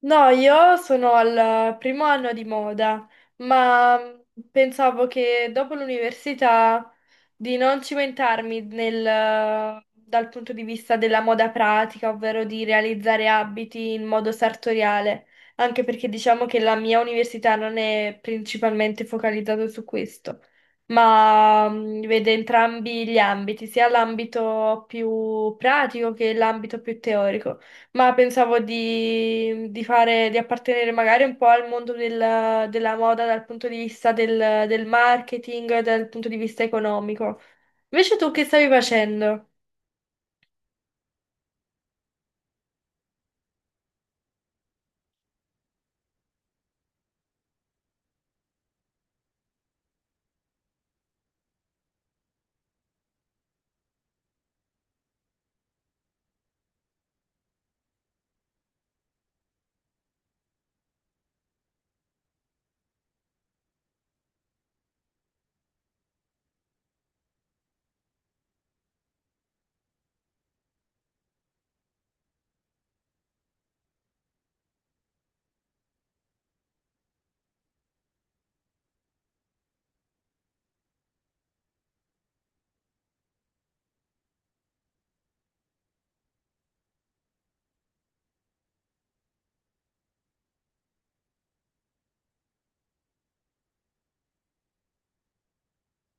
No, io sono al primo anno di moda, ma pensavo che dopo l'università di non cimentarmi nel- dal punto di vista della moda pratica, ovvero di realizzare abiti in modo sartoriale, anche perché diciamo che la mia università non è principalmente focalizzata su questo, ma vede entrambi gli ambiti, sia l'ambito più pratico che l'ambito più teorico. Ma pensavo di appartenere magari un po' al mondo del- della moda dal punto di vista del marketing, dal punto di vista economico. Invece tu che stavi facendo?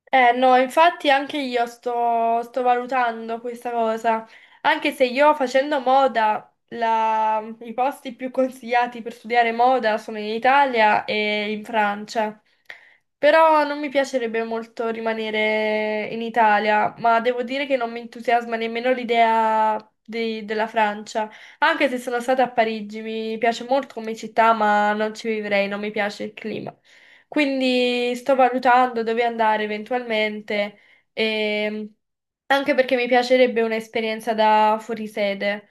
Eh no, infatti anche io sto valutando questa cosa, anche se io facendo moda, la- i posti più consigliati per studiare moda sono in Italia e in Francia, però non mi piacerebbe molto rimanere in Italia, ma devo dire che non mi entusiasma nemmeno l'idea di- della Francia, anche se sono stata a Parigi, mi piace molto come città, ma non ci vivrei, non mi piace il clima. Quindi sto valutando dove andare eventualmente, ehm, anche perché mi piacerebbe un'esperienza da fuorisede.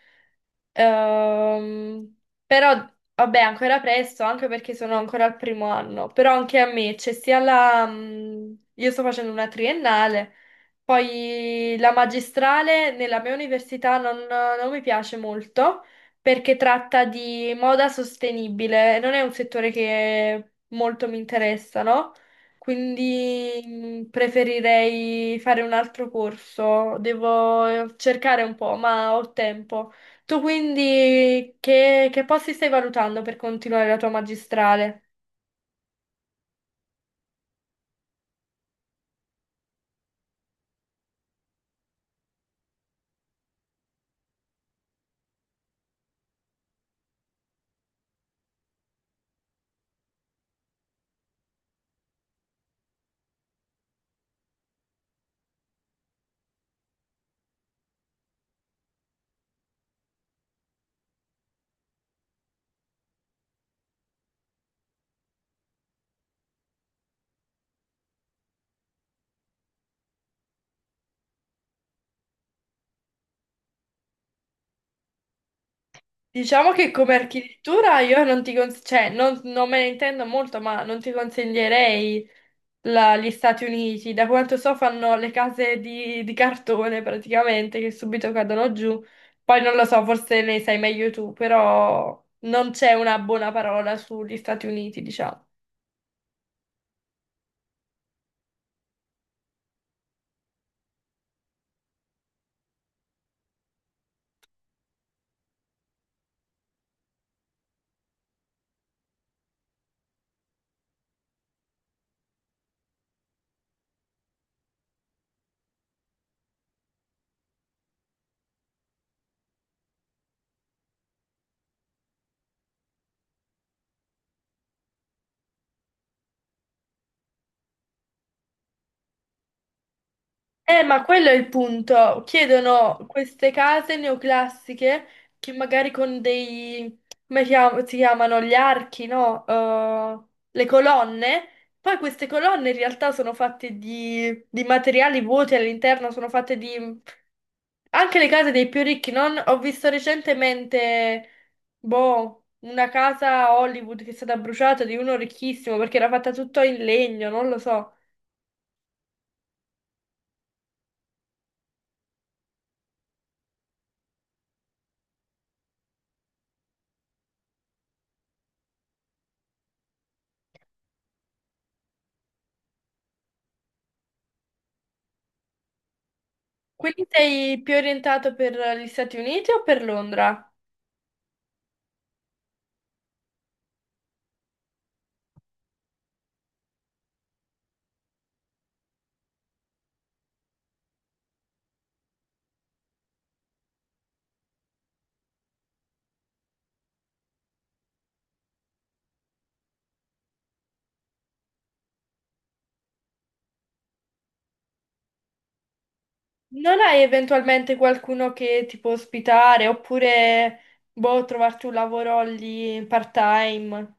Ehm, però, vabbè, ancora presto, anche perché sono ancora al primo anno. Però anche a me c'è sia la... io sto facendo una triennale, poi la magistrale nella mia università non mi piace molto perché tratta di moda sostenibile e non è un settore che molto mi interessa, no? Quindi preferirei fare un altro corso. Devo cercare un po', ma ho tempo. Tu quindi che posti stai valutando per continuare la tua magistrale? Diciamo che come architettura io non ti cons- cioè, non me ne intendo molto, ma non ti consiglierei la- gli Stati Uniti. Da quanto so fanno le case di cartone praticamente che subito cadono giù. Poi non lo so, forse ne sai meglio tu, però non c'è una buona parola sugli Stati Uniti, diciamo. Ma quello è il punto. Chiedono queste case neoclassiche che magari con dei, come chiam- si chiamano, gli archi, no? Le colonne. Poi queste colonne in realtà sono fatte di materiali vuoti all'interno, sono fatte di... Anche le case dei più ricchi, non? Ho visto recentemente, boh, una casa a Hollywood che è stata bruciata di uno ricchissimo perché era fatta tutto in legno, non lo so. Quindi sei più orientato per gli Stati Uniti o per Londra? Non hai eventualmente qualcuno che ti può ospitare oppure, boh, trovarti un lavoro lì part-time?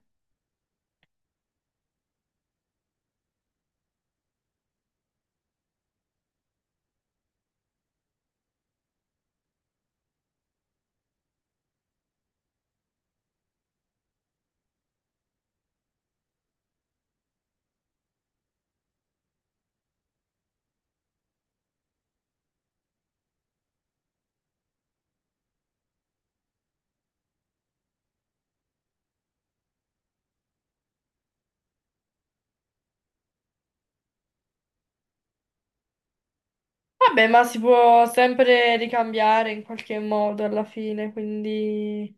Vabbè, ma si può sempre ricambiare in qualche modo alla fine, quindi...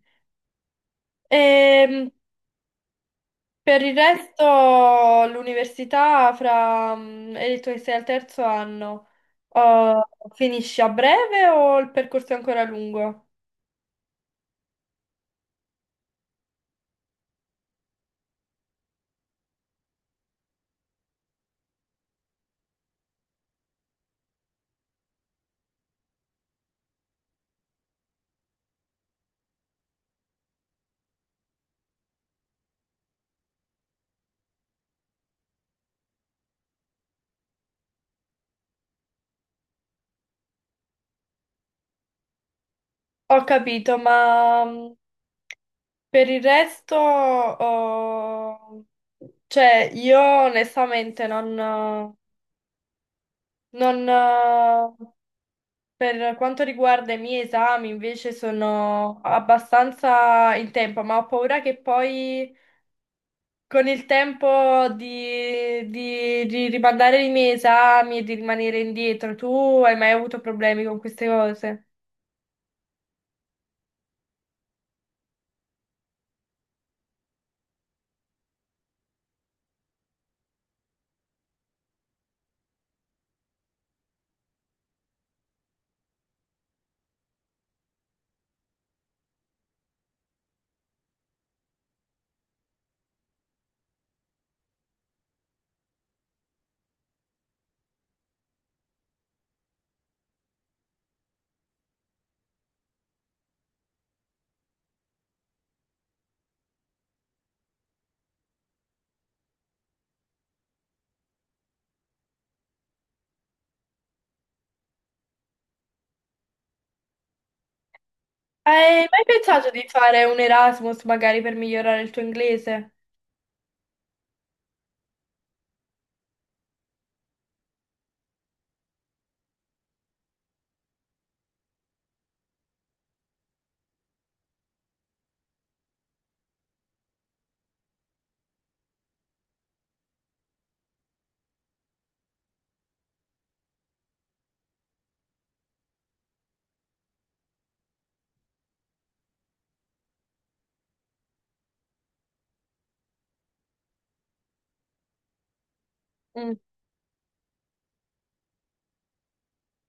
Ehm, per il resto, l'università fra... hai detto che sei al terzo anno, oh, finisci a breve o il percorso è ancora lungo? Ho capito, ma... per il resto, oh, cioè, io onestamente non, non, per quanto riguarda i miei esami, invece sono abbastanza in tempo, ma ho paura che poi con il tempo di rimandare i miei esami e di rimanere indietro, tu hai mai avuto problemi con queste cose? Hai mai pensato di fare un Erasmus magari per migliorare il tuo inglese?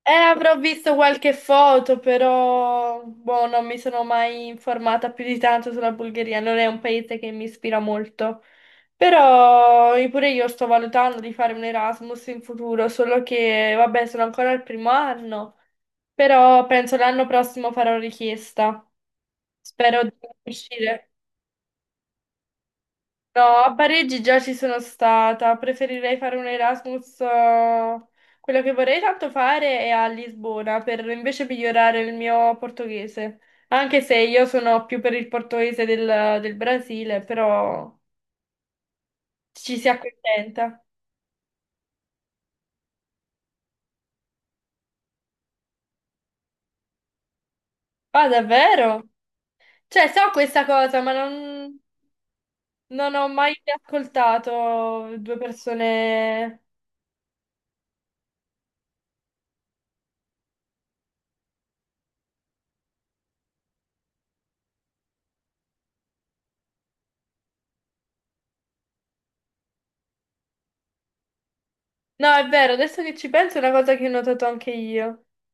Avrò visto qualche foto, però boh, non mi sono mai informata più di tanto sulla Bulgaria, non è un paese che mi ispira molto. Però pure io sto valutando di fare un Erasmus in futuro, solo che vabbè, sono ancora al primo anno, però penso l'anno prossimo farò richiesta. Spero di riuscire. No, a Parigi già ci sono stata, preferirei fare un Erasmus. Quello che vorrei tanto fare è a Lisbona per invece migliorare il mio portoghese, anche se io sono più per il portoghese del Brasile, però ci si accontenta. Ah, davvero? Cioè, so questa cosa, ma non, non ho mai ascoltato due persone... No, è vero, adesso che ci penso è una cosa che ho notato anche io.